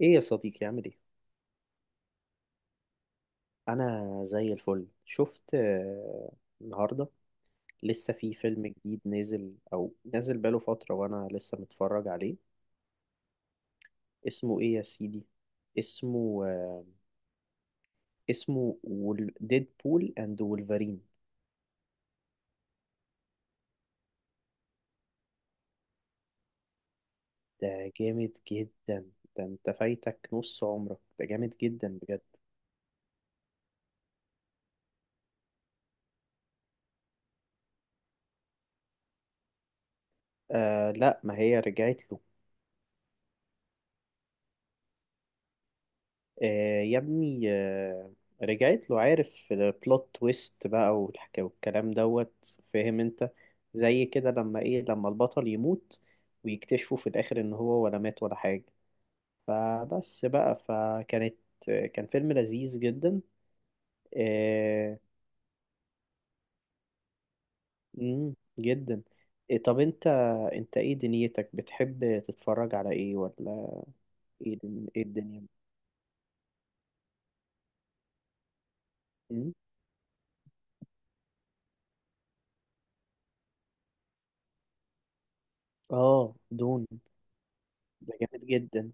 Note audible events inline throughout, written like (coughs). ايه يا صديقي، عامل ايه؟ انا زي الفل. شفت آه، النهارده لسه في فيلم جديد نازل، او نازل بقاله فتره وانا لسه متفرج عليه. اسمه ايه يا سيدي؟ اسمه آه، اسمه ديدبول اند وولفرين. ده جامد جدا. ده انت فايتك نص عمرك، ده جامد جدا بجد. آه، لا ما هي رجعت له. آه يا ابني آه، رجعت له. عارف البلوت تويست بقى والحكاية والكلام دوت؟ فاهم انت؟ زي كده لما البطل يموت ويكتشفوا في الاخر ان هو ولا مات ولا حاجة. فبس بقى فكانت آه، كان فيلم لذيذ جدا. آه. مم، جدا. إيه طب انت، انت ايه دنيتك بتحب تتفرج على ايه ولا ايه دن- ايه الدنيا؟ مم؟ اه، دون. ده جامد جدا.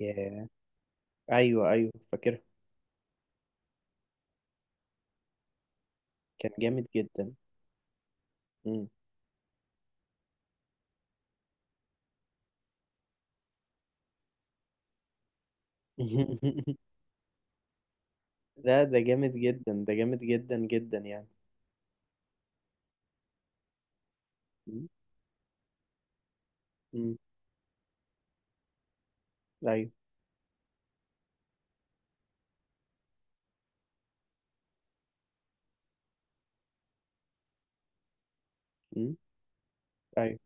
طبعا. ايوه ايوه فاكرها. كان جامد جدا. مم. (laughs) لا ده جامد جدا، ده جامد جدا جدا يعني. مم. مم. ايوه. مم. ايوه.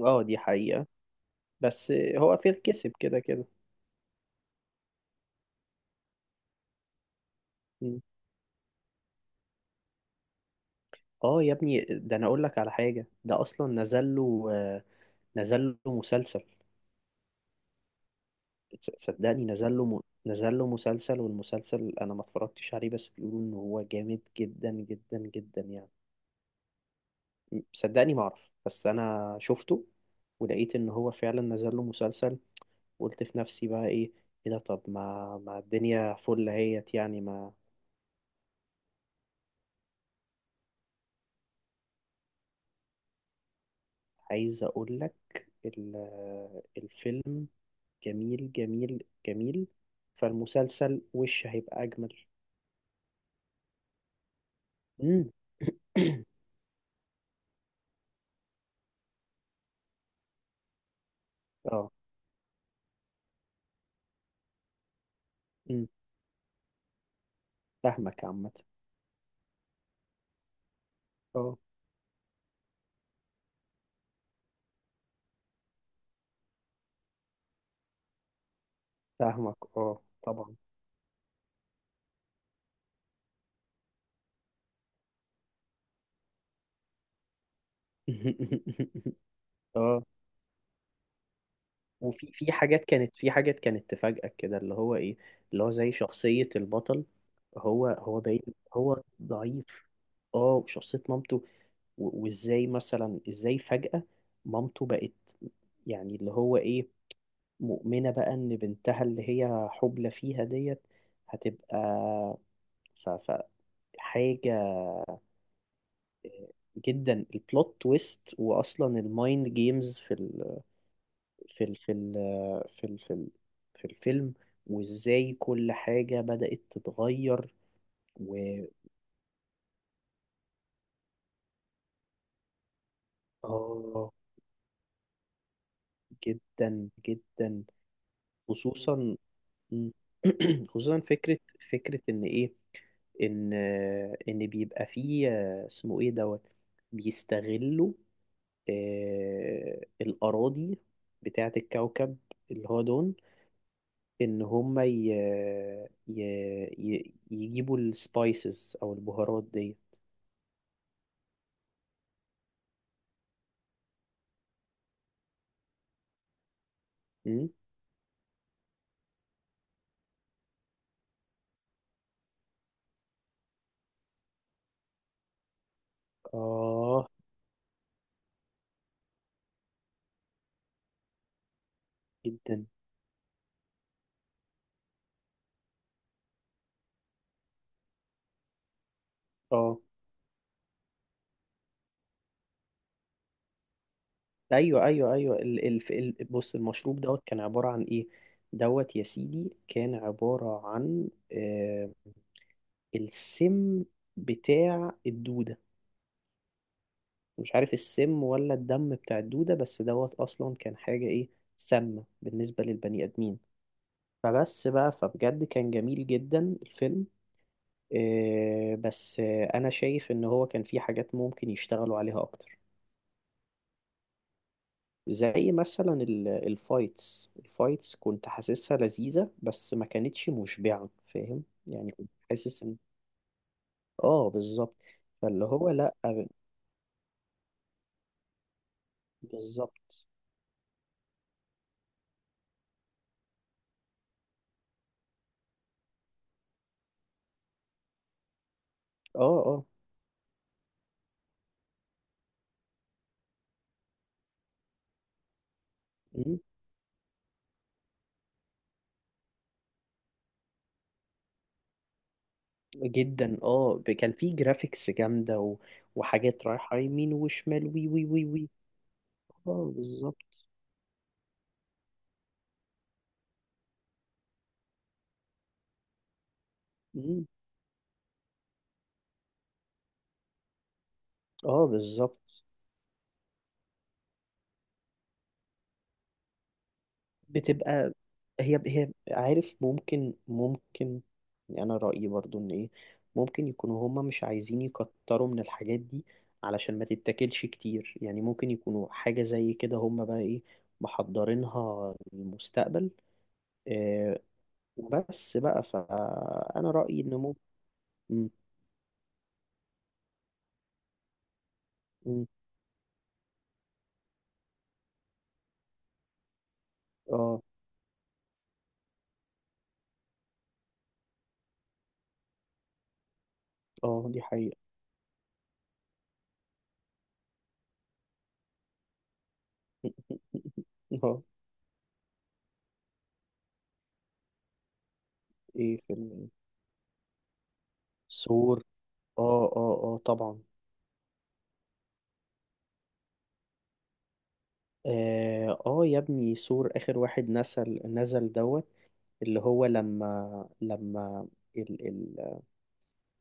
اه دي حقيقة. بس هو فيل كسب كده كده. مم. اه يا ابني، ده انا اقول لك على حاجة. ده اصلا نزل له مسلسل. تص- صدقني نزل له م... نزل له مسلسل، والمسلسل انا ما اتفرجتش عليه، بس بيقولوا ان هو جامد جدا جدا جدا يعني. صدقني ما اعرف، بس انا شفته ولقيت ان هو فعلا نزل له مسلسل. قلت في نفسي بقى: ايه ايه ده؟ طب ما الدنيا فل اهيت يعني ما. عايز اقول لك، ال- الفيلم جميل جميل جميل، فالمسلسل وش هيبقى اجمل. امم. (coughs) اه. امم، فاهمك عامة. اه، فاهمك اه طبعا. (laughs) اه. وفي في حاجات كانت في حاجات كانت تفاجئك كده، اللي هو ايه، اللي هو زي شخصية البطل. هو باين هو ضعيف. اه، وشخصية مامته. وازاي مثلا، ازاي فجأة مامته بقت، يعني اللي هو ايه، مؤمنة بقى ان بنتها اللي هي حبلى فيها ديت هتبقى. ف حاجة جدا، البلوت تويست، واصلا المايند جيمز في ال في ال في ال في ال في ال في الفيلم، وازاي كل حاجة بدأت تتغير. و، اه، جدا جدا. خصوصا. مم. (clears throat) خصوصا فكرة، فكرة ان ايه، ان ان بيبقى فيه اسمه ايه دوت، بيستغلوا الأراضي بتاعة الكوكب اللي هو دون. ان هم ي... يجيبوا السبايسز او البهارات دي. آه. جدا. آه، أيوه أيوه أيوه. ال ال ال بص المشروب دوت كان عبارة عن إيه؟ دوت يا سيدي كان عبارة عن السم بتاع الدودة. مش عارف السم ولا الدم بتاع الدودة، بس دوت أصلا كان حاجة إيه، سامة بالنسبة للبني آدمين. فبس بقى فبجد كان جميل جدا الفيلم. آه بس آه أنا شايف إن هو كان فيه حاجات ممكن يشتغلوا عليها أكتر. زي مثلا الفايتس، الفايتس كنت حاسسها لذيذة بس ما كانتش مشبعة. فاهم يعني، كنت حاسس ان. اه بالظبط. فاللي هو لا. بالظبط. اه اه. مم. جدا. اه. كان في جرافيكس جامدة و، وحاجات رايحة يمين وشمال، وي وي وي وي. اه بالظبط. مم. اه بالظبط. بتبقى، هي عارف، ممكن يعني انا رأيي برضو ان ايه، ممكن يكونوا هما مش عايزين يكتروا من الحاجات دي علشان ما تتاكلش كتير. يعني ممكن يكونوا حاجة زي كده، هما بقى ايه، محضرينها للمستقبل. آه. وبس بقى، فانا رأيي ان ممكن. م- م- اه اه دي حقيقة. (laughs) اه. ايه فيلم إيه؟ سور. اه اه اه طبعا. اه، آه يا ابني، سور اخر واحد نزل، نزل دوت. اللي هو لما لما ال ال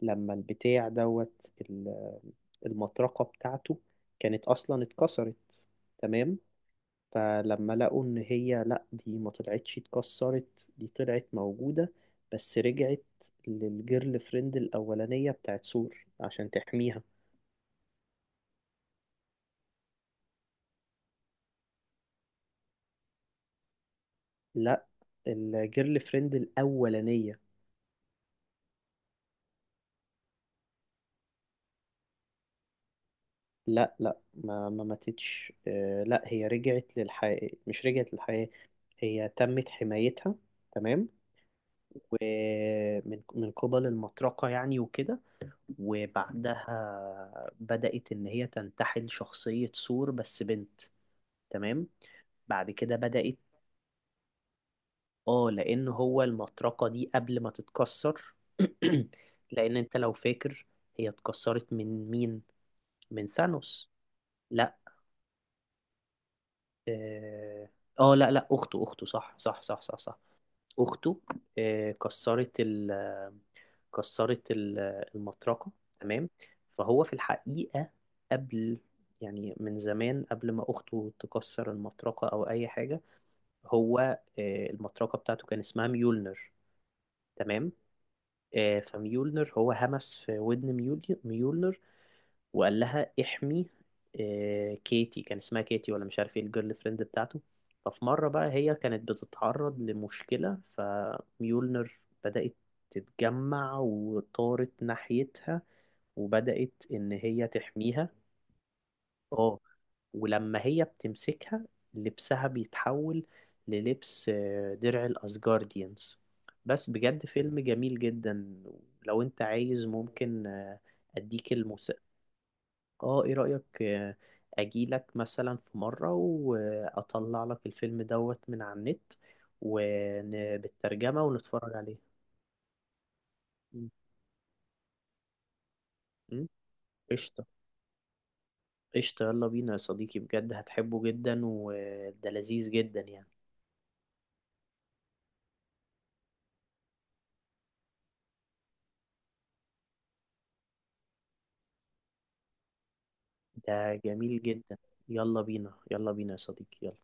لما البتاع دوت المطرقة بتاعته كانت اصلا اتكسرت. تمام. فلما لقوا ان هي لا، دي ما طلعتش اتكسرت، دي طلعت موجودة، بس رجعت للجيرل فريند الاولانية بتاعت سور عشان تحميها. لا، الجيرل فريند الاولانية. لا لا، ما ماتتش. آه، لا هي رجعت للحياة، مش رجعت للحياة، هي تمت حمايتها. تمام. ومن قبل المطرقة يعني وكده. وبعدها بدأت إن هي تنتحل شخصية ثور بس بنت. تمام. بعد كده بدأت. اه، لأن هو المطرقة دي قبل ما تتكسر. (clears throat) لأن أنت لو فاكر، هي اتكسرت من مين؟ من ثانوس. لا. اه. آه، لا لا اخته، اخته، صح صح صح صح صح. اخته، كسرت ال، كسرت ال- المطرقة. تمام. فهو في الحقيقة قبل، يعني من زمان قبل ما أخته تكسر المطرقة أو أي حاجة، هو، المطرقة بتاعته كان اسمها ميولنر. تمام. فميولنر هو همس في ودن، ميولنر، وقال لها احمي كيتي. كان اسمها كيتي ولا مش عارف ايه الجيرل فريند بتاعته. ففي مرة بقى هي كانت بتتعرض لمشكلة، فميولنر بدأت تتجمع وطارت ناحيتها وبدأت إن هي تحميها. اه. ولما هي بتمسكها، لبسها بيتحول للبس، درع الأسجارديانز. بس بجد فيلم جميل جدا. لو انت عايز ممكن، اديك الموسيقى. اه ايه رأيك، اجيلك مثلا في مرة واطلع لك الفيلم دوت من على النت وبالترجمة ونتفرج عليه. م- م؟ قشطة. قشطة، يلا بينا يا صديقي، بجد هتحبه جدا وده لذيذ جدا يعني. ده جميل جدا. يلا بينا، يلا بينا يا صديقي، يلا.